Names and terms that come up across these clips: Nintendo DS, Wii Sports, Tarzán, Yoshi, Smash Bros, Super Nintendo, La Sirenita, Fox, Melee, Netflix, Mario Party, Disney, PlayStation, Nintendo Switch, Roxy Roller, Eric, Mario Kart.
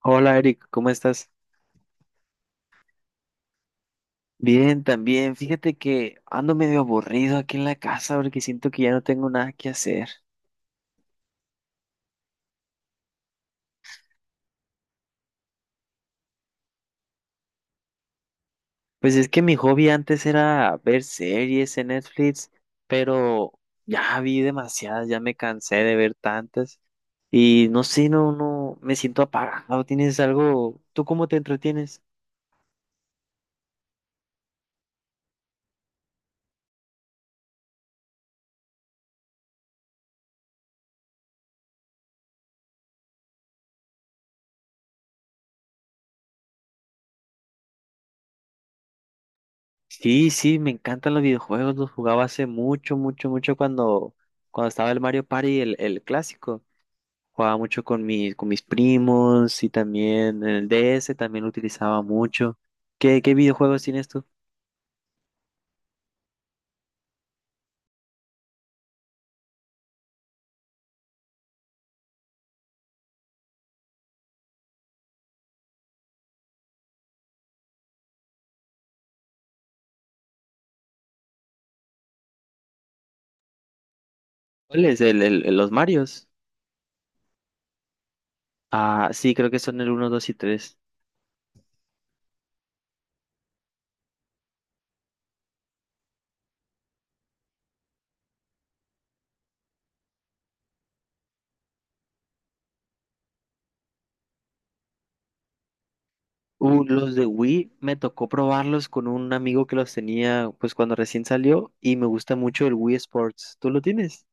Hola Eric, ¿cómo estás? Bien, también. Fíjate que ando medio aburrido aquí en la casa porque siento que ya no tengo nada que hacer. Pues es que mi hobby antes era ver series en Netflix, pero ya vi demasiadas, ya me cansé de ver tantas y no sé, no, no, me siento apagado. ¿Tienes algo? ¿Tú cómo te entretienes? Sí, sí, me encantan los videojuegos, los jugaba hace mucho, mucho, mucho cuando estaba el Mario Party, el clásico. Jugaba mucho con mis primos y también en el DS también lo utilizaba mucho. ¿Qué videojuegos tienes tú? ¿Cuáles? Los Marios. Ah, sí, creo que son el uno 2 y tres. Los de Wii me tocó probarlos con un amigo que los tenía pues cuando recién salió y me gusta mucho el Wii Sports. ¿Tú lo tienes?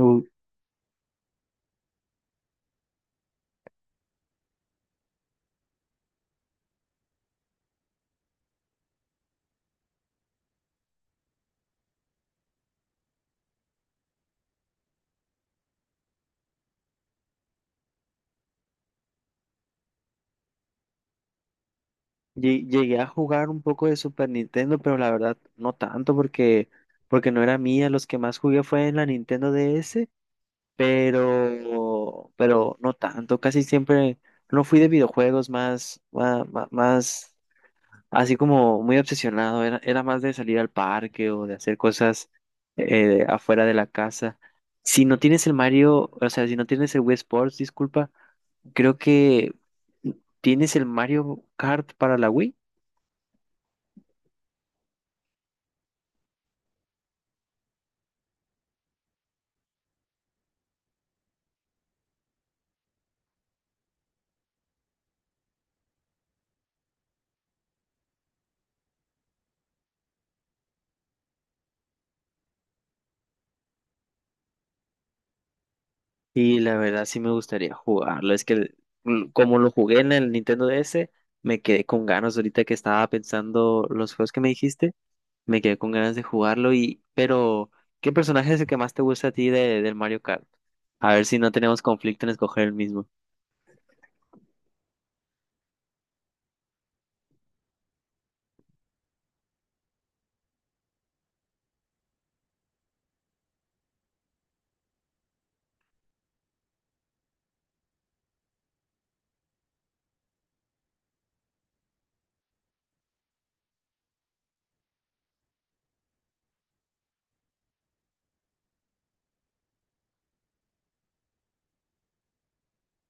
Uh, Llegué a jugar un poco de Super Nintendo, pero la verdad no tanto porque no era mía. Los que más jugué fue en la Nintendo DS pero no tanto, casi siempre no fui de videojuegos más, más, más, así como muy obsesionado, era, era más de salir al parque o de hacer cosas afuera de la casa. Si no tienes el Mario, o sea, si no tienes el Wii Sports, disculpa, creo que tienes el Mario Kart para la Wii. Y la verdad sí me gustaría jugarlo. Es que el- l- Como lo jugué en el Nintendo DS, me quedé con ganas ahorita que estaba pensando los juegos que me dijiste, me quedé con ganas de jugarlo y pero ¿qué personaje es el que más te gusta a ti del Mario Kart? A ver si no tenemos conflicto en escoger el mismo.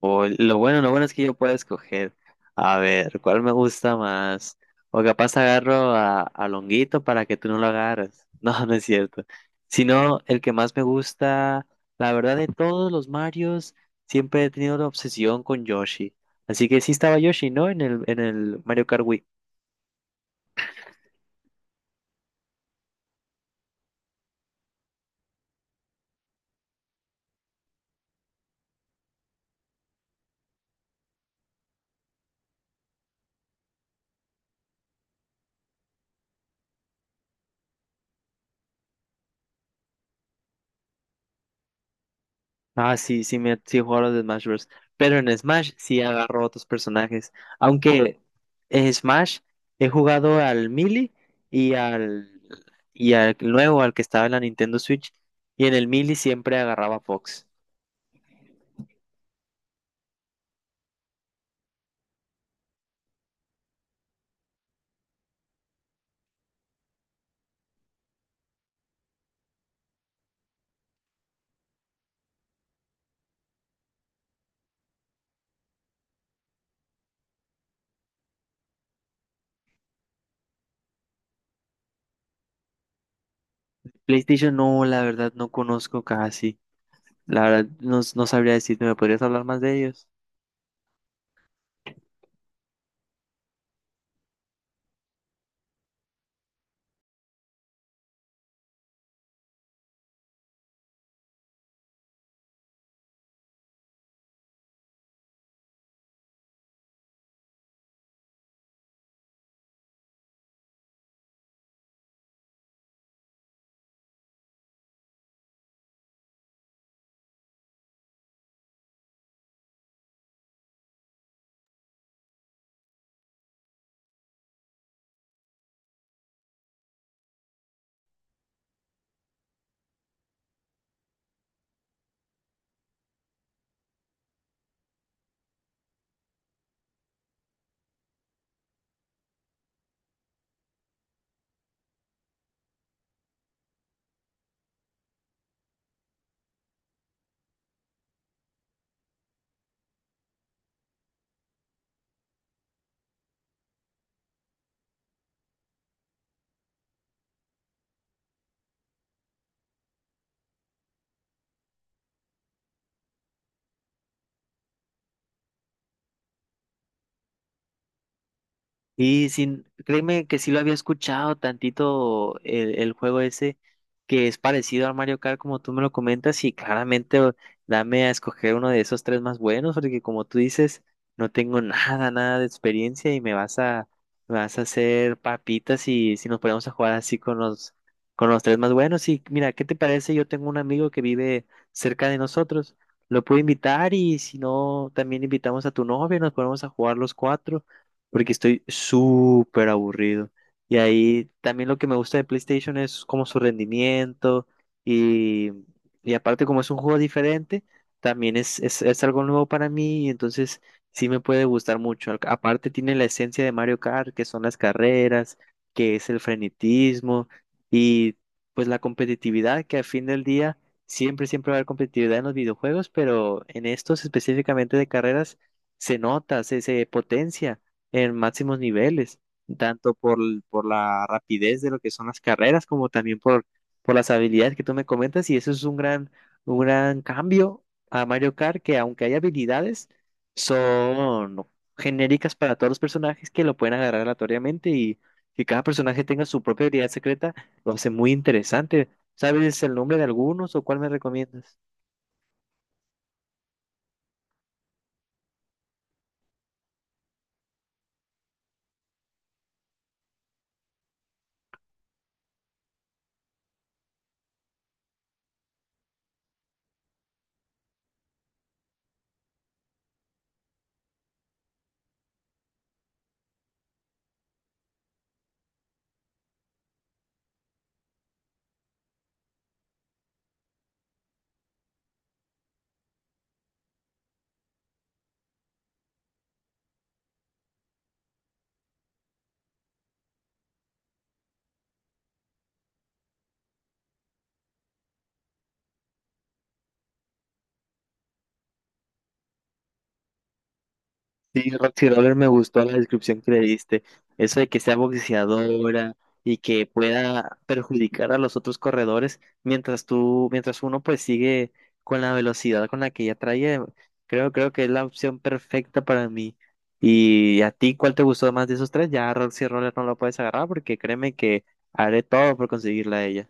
O lo bueno es que yo puedo escoger. A ver, ¿cuál me gusta más? O capaz agarro a Longuito para que tú no lo agarres. No, no es cierto. Sino el que más me gusta, la verdad de todos los Marios, siempre he tenido la obsesión con Yoshi. Así que sí estaba Yoshi, ¿no? En el Mario Kart Wii. Ah, sí, sí, sí he jugado a los de Smash Bros. Pero en Smash sí agarro otros personajes. Aunque en Smash he jugado al Melee y al, y al nuevo, al que estaba en la Nintendo Switch. Y en el Melee siempre agarraba Fox. PlayStation no, la verdad no conozco casi. La verdad no, no sabría decirte, ¿me podrías hablar más de ellos? Y sin, Créeme que sí lo había escuchado tantito el juego ese, que es parecido al Mario Kart como tú me lo comentas, y dame a escoger uno de esos tres más buenos, porque como tú dices, no tengo nada, nada de experiencia y me vas a hacer papitas y si nos ponemos a jugar así con con los tres más buenos. Y mira, ¿qué te parece? Yo tengo un amigo que vive cerca de nosotros, lo puedo invitar y si no, también invitamos a tu novia, nos ponemos a jugar los cuatro porque estoy súper aburrido. Y ahí también lo que me gusta de PlayStation es como su rendimiento y, y aparte como es un juego diferente, también es algo nuevo para mí, entonces sí me puede gustar mucho. Aparte tiene la esencia de Mario Kart, que son las carreras, que es el frenetismo y pues la competitividad, que al fin del día siempre, siempre va a haber competitividad en los videojuegos, pero en estos específicamente de carreras se nota, se potencia en máximos niveles, tanto por la rapidez de lo que son las carreras, como también por las habilidades que tú me comentas, y eso es un gran cambio a Mario Kart, que aunque hay habilidades, son genéricas para todos los personajes que lo pueden agarrar aleatoriamente y que cada personaje tenga su propia habilidad secreta, lo hace muy interesante. ¿Sabes el nombre de algunos o cuál me recomiendas? Sí, Roxy Roller me gustó la descripción que le diste. Eso de que sea boxeadora y que pueda perjudicar a los otros corredores mientras tú, mientras uno pues sigue con la velocidad con la que ella trae. Creo que es la opción perfecta para mí. ¿Y a ti cuál te gustó más de esos tres? Ya Roxy Roller no lo puedes agarrar porque créeme que haré todo por conseguirla a ella.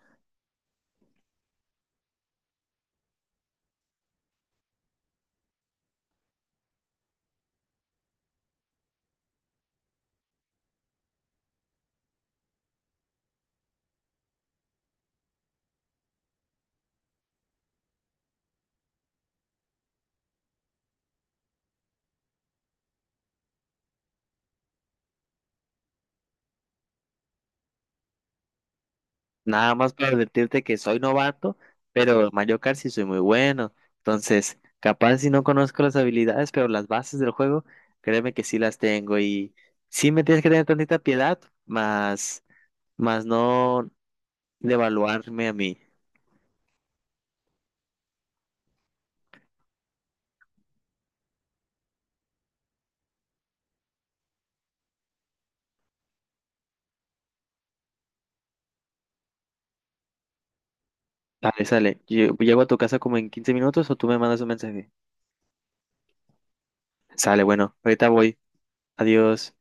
Nada más para advertirte que soy novato, pero Mario Kart sí soy muy bueno. Entonces, capaz si no conozco las habilidades, pero las bases del juego, créeme que sí las tengo. Y sí me tienes que tener tantita piedad, más, más no devaluarme a mí. Vale, sale. Llego a tu casa como en 15 minutos o tú me mandas un mensaje. Sale, bueno, ahorita voy. Adiós.